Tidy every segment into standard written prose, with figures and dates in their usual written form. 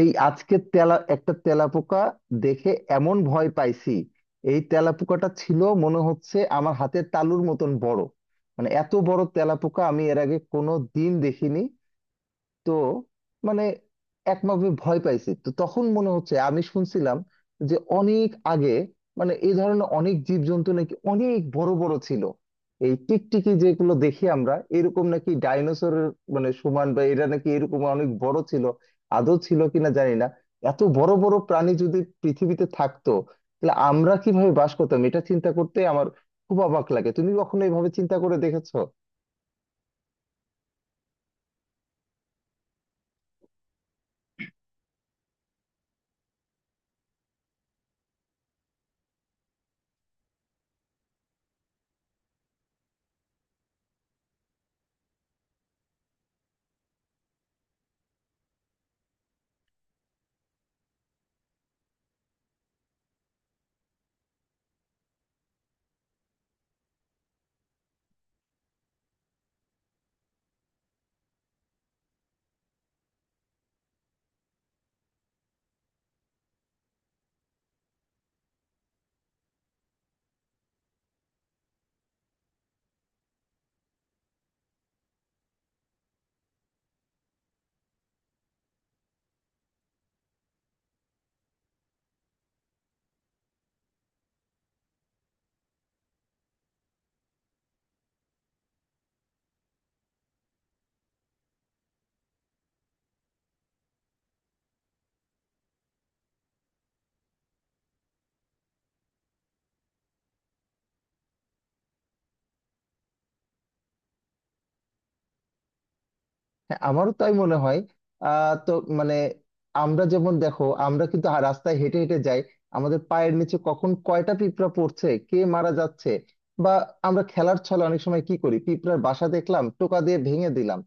এই আজকে একটা তেলাপোকা দেখে এমন ভয় পাইছি। এই তেলাপোকাটা ছিল মনে হচ্ছে আমার হাতের তালুর মতন বড়। মানে এত বড় তেলাপোকা আমি এর আগে কোনো দিন দেখিনি। তো মানে একভাবে ভয় পাইছি তো তখন মনে হচ্ছে আমি শুনছিলাম যে অনেক আগে মানে এই ধরনের অনেক জীবজন্তু নাকি অনেক বড় বড় ছিল। এই টিকটিকি যেগুলো দেখি আমরা এরকম নাকি ডাইনোসরের মানে সমান, বা এরা নাকি এরকম অনেক বড় ছিল। আদৌ ছিল কিনা জানি না। এত বড় বড় প্রাণী যদি পৃথিবীতে থাকতো তাহলে আমরা কিভাবে বাস করতাম, এটা চিন্তা করতে আমার খুব অবাক লাগে। তুমি কখনো এইভাবে চিন্তা করে দেখেছো? হ্যাঁ, আমারও তাই মনে হয়। তো মানে আমরা যেমন দেখো, আমরা কিন্তু রাস্তায় হেঁটে হেঁটে যাই, আমাদের পায়ের নিচে কখন কয়টা পিঁপড়া পড়ছে, কে মারা যাচ্ছে। বা আমরা খেলার ছলে অনেক সময় কি করি, পিঁপড়ার বাসা দেখলাম টোকা দিয়ে ভেঙে দিলাম।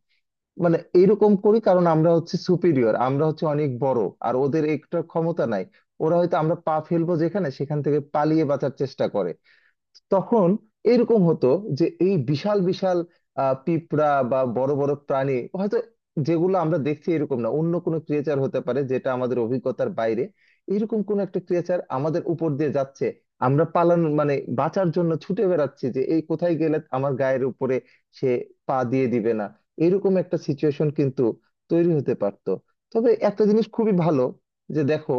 মানে এইরকম করি কারণ আমরা হচ্ছে সুপিরিয়র, আমরা হচ্ছে অনেক বড়, আর ওদের একটা ক্ষমতা নাই। ওরা হয়তো আমরা পা ফেলবো যেখানে সেখান থেকে পালিয়ে বাঁচার চেষ্টা করে। তখন এরকম হতো যে এই বিশাল বিশাল পিঁপড়া বা বড় বড় প্রাণী হয়তো, যেগুলো আমরা দেখছি এরকম না, অন্য কোনো ক্রিয়েচার হতে পারে যেটা আমাদের অভিজ্ঞতার বাইরে, এরকম কোন একটা ক্রিয়েচার আমাদের উপর দিয়ে যাচ্ছে। আমরা পালানোর মানে বাঁচার জন্য ছুটে বেড়াচ্ছি যে এই কোথায় গেলে আমার গায়ের উপরে সে পা দিয়ে দিবে না। এরকম একটা সিচুয়েশন কিন্তু তৈরি হতে পারতো। তবে একটা জিনিস খুবই ভালো, যে দেখো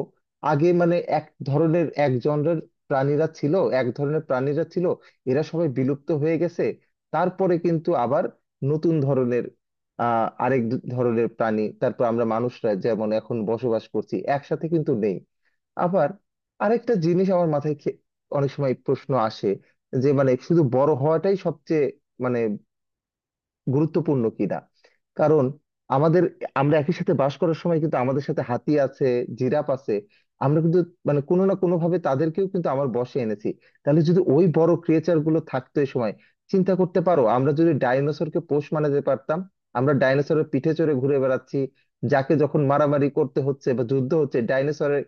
আগে মানে এক ধরনের এক জনরের প্রাণীরা ছিল, এক ধরনের প্রাণীরা ছিল, এরা সবাই বিলুপ্ত হয়ে গেছে। তারপরে কিন্তু আবার নতুন ধরনের আরেক ধরনের প্রাণী, তারপর আমরা মানুষরা যেমন এখন বসবাস করছি একসাথে কিন্তু নেই। আবার আরেকটা জিনিস আমার মাথায় অনেক সময় প্রশ্ন আসে, যে মানে শুধু বড় হওয়াটাই সবচেয়ে মানে গুরুত্বপূর্ণ কিনা। কারণ আমাদের আমরা একই সাথে বাস করার সময় কিন্তু আমাদের সাথে হাতি আছে, জিরাফ আছে, আমরা কিন্তু মানে কোনো না কোনো ভাবে তাদেরকেও কিন্তু আমার বশে এনেছি। তাহলে যদি ওই বড় ক্রিয়েচার গুলো থাকতো এই সময়, চিন্তা করতে পারো আমরা যদি ডাইনোসরকে পোষ মানাতে পারতাম, আমরা ডাইনোসরের পিঠে চড়ে ঘুরে বেড়াচ্ছি, যাকে যখন মারামারি করতে হচ্ছে বা যুদ্ধ হচ্ছে ডাইনোসরের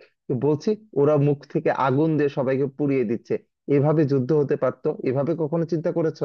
বলছি, ওরা মুখ থেকে আগুন দিয়ে সবাইকে পুড়িয়ে দিচ্ছে, এভাবে যুদ্ধ হতে পারতো। এভাবে কখনো চিন্তা করেছো?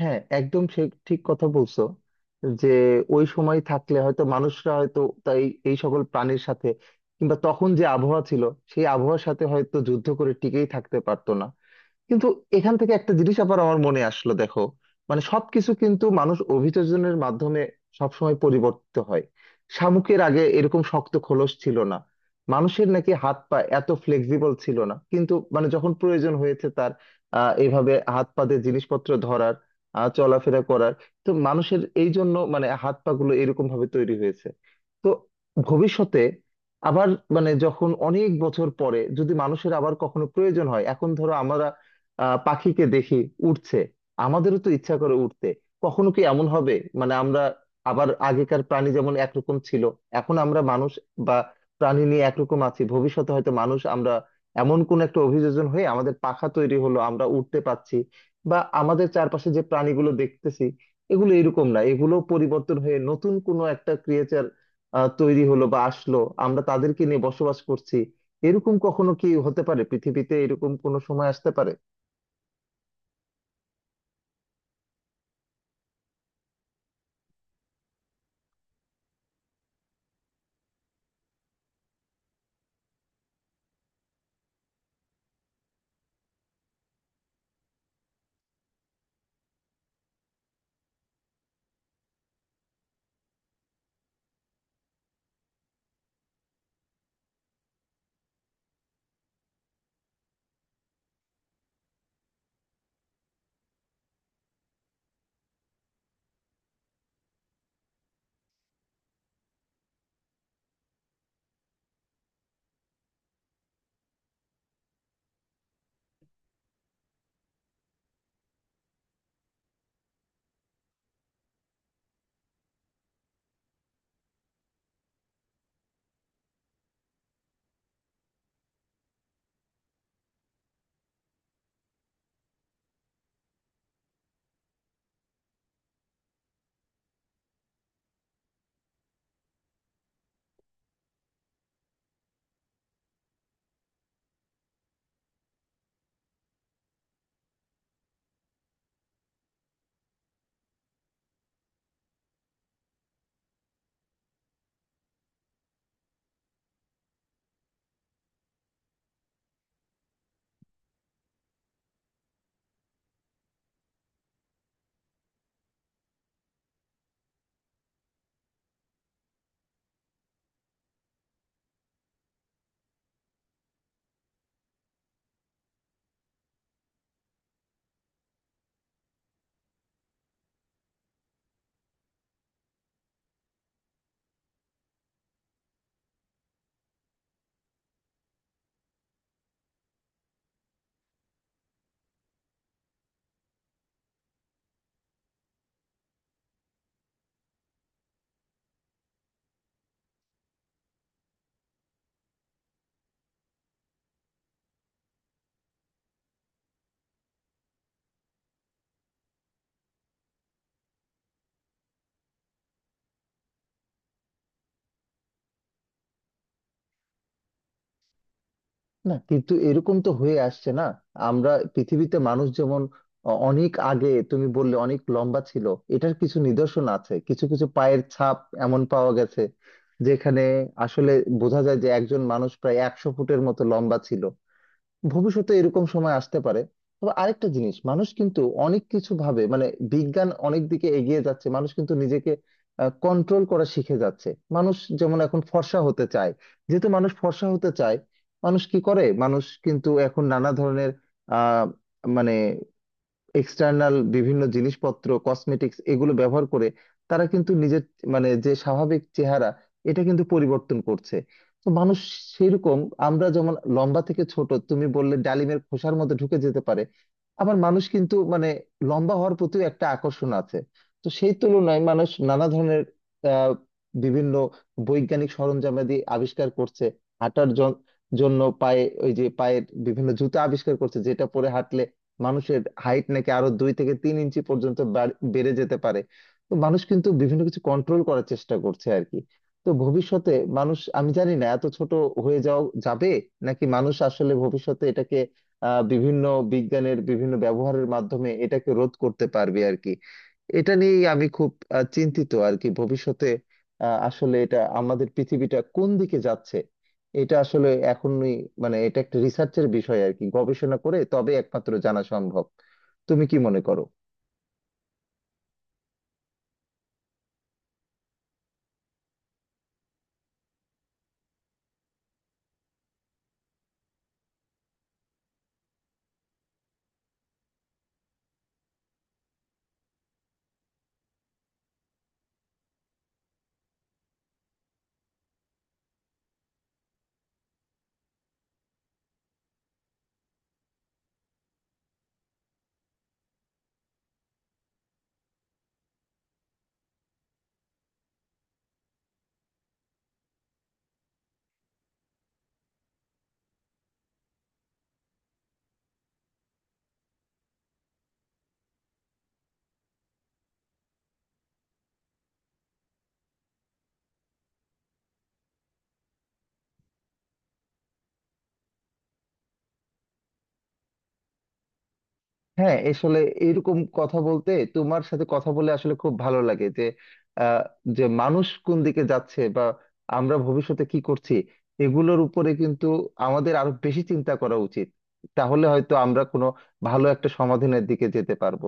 হ্যাঁ, একদম ঠিক ঠিক কথা বলছো, যে ওই সময় থাকলে হয়তো মানুষরা হয়তো তাই এই সকল প্রাণীর সাথে, কিংবা তখন যে আবহাওয়া ছিল সেই আবহাওয়ার সাথে হয়তো যুদ্ধ করে টিকেই থাকতে পারতো না। কিন্তু এখান থেকে একটা জিনিস আবার আমার মনে আসলো, দেখো মানে সবকিছু কিন্তু মানুষ অভিযোজনের মাধ্যমে সবসময় পরিবর্তিত হয়। শামুকের আগে এরকম শক্ত খোলস ছিল না, মানুষের নাকি হাত পা এত ফ্লেক্সিবল ছিল না, কিন্তু মানে যখন প্রয়োজন হয়েছে তার এভাবে হাত পা দিয়ে জিনিসপত্র ধরার, চলাফেরা করার, তো মানুষের এই জন্য মানে হাত পা গুলো এরকম ভাবে তৈরি হয়েছে। তো ভবিষ্যতে আবার মানে যখন অনেক বছর পরে যদি মানুষের আবার কখনো প্রয়োজন হয়, এখন ধরো আমরা পাখিকে দেখি উড়ছে, আমাদেরও তো ইচ্ছা করে উঠতে। কখনো কি এমন হবে মানে আমরা আবার আগেকার প্রাণী যেমন একরকম ছিল, এখন আমরা মানুষ বা প্রাণী নিয়ে একরকম আছি, ভবিষ্যতে হয়তো মানুষ আমরা এমন কোন একটা অভিযোজন হয়ে আমাদের পাখা তৈরি হলো, আমরা উঠতে পারছি, বা আমাদের চারপাশে যে প্রাণীগুলো দেখতেছি এগুলো এরকম না, এগুলো পরিবর্তন হয়ে নতুন কোনো একটা ক্রিয়েচার তৈরি হলো বা আসলো, আমরা তাদেরকে নিয়ে বসবাস করছি। এরকম কখনো কি হতে পারে? পৃথিবীতে এরকম কোনো সময় আসতে পারে? না কিন্তু এরকম তো হয়ে আসছে না। আমরা পৃথিবীতে মানুষ যেমন অনেক আগে তুমি বললে অনেক লম্বা ছিল, এটার কিছু নিদর্শন আছে, কিছু কিছু পায়ের ছাপ এমন পাওয়া গেছে যেখানে আসলে বোঝা যায় যে একজন মানুষ প্রায় 100 ফুটের মতো লম্বা ছিল। ভবিষ্যতে এরকম সময় আসতে পারে। তবে আরেকটা জিনিস, মানুষ কিন্তু অনেক কিছু ভাবে, মানে বিজ্ঞান অনেক দিকে এগিয়ে যাচ্ছে, মানুষ কিন্তু নিজেকে কন্ট্রোল করা শিখে যাচ্ছে। মানুষ যেমন এখন ফর্সা হতে চায়, যেহেতু মানুষ ফর্সা হতে চায়, মানুষ কি করে, মানুষ কিন্তু এখন নানা ধরনের আহ মানে এক্সটার্নাল বিভিন্ন জিনিসপত্র, কসমেটিক্স এগুলো ব্যবহার করে, তারা কিন্তু নিজের মানে যে স্বাভাবিক চেহারা এটা কিন্তু পরিবর্তন করছে। তো মানুষ সেরকম, আমরা যেমন লম্বা থেকে ছোট তুমি বললে ডালিমের খোসার মধ্যে ঢুকে যেতে পারে, আবার মানুষ কিন্তু মানে লম্বা হওয়ার প্রতিও একটা আকর্ষণ আছে। তো সেই তুলনায় মানুষ নানা ধরনের আহ বিভিন্ন বৈজ্ঞানিক সরঞ্জামাদি আবিষ্কার করছে। হাঁটার জন- জন্য পায়ে ওই যে পায়ের বিভিন্ন জুতা আবিষ্কার করছে, যেটা পরে হাঁটলে মানুষের হাইট নাকি আরো 2 থেকে 3 ইঞ্চি পর্যন্ত বেড়ে যেতে পারে। তো মানুষ কিন্তু বিভিন্ন কিছু কন্ট্রোল করার চেষ্টা করছে আর কি। তো ভবিষ্যতে মানুষ, আমি জানি না এত ছোট হয়ে যাওয়া যাবে, নাকি মানুষ আসলে ভবিষ্যতে এটাকে বিভিন্ন বিজ্ঞানের বিভিন্ন ব্যবহারের মাধ্যমে এটাকে রোধ করতে পারবে আর কি। এটা নিয়েই আমি খুব চিন্তিত আর কি ভবিষ্যতে। আসলে এটা আমাদের পৃথিবীটা কোন দিকে যাচ্ছে, এটা আসলে এখনই মানে এটা একটা রিসার্চের বিষয় আর কি, গবেষণা করে তবে একমাত্র জানা সম্ভব। তুমি কি মনে করো? হ্যাঁ, আসলে এরকম কথা বলতে, তোমার সাথে কথা বলে আসলে খুব ভালো লাগে, যে আহ, যে মানুষ কোন দিকে যাচ্ছে বা আমরা ভবিষ্যতে কি করছি, এগুলোর উপরে কিন্তু আমাদের আরো বেশি চিন্তা করা উচিত। তাহলে হয়তো আমরা কোনো ভালো একটা সমাধানের দিকে যেতে পারবো।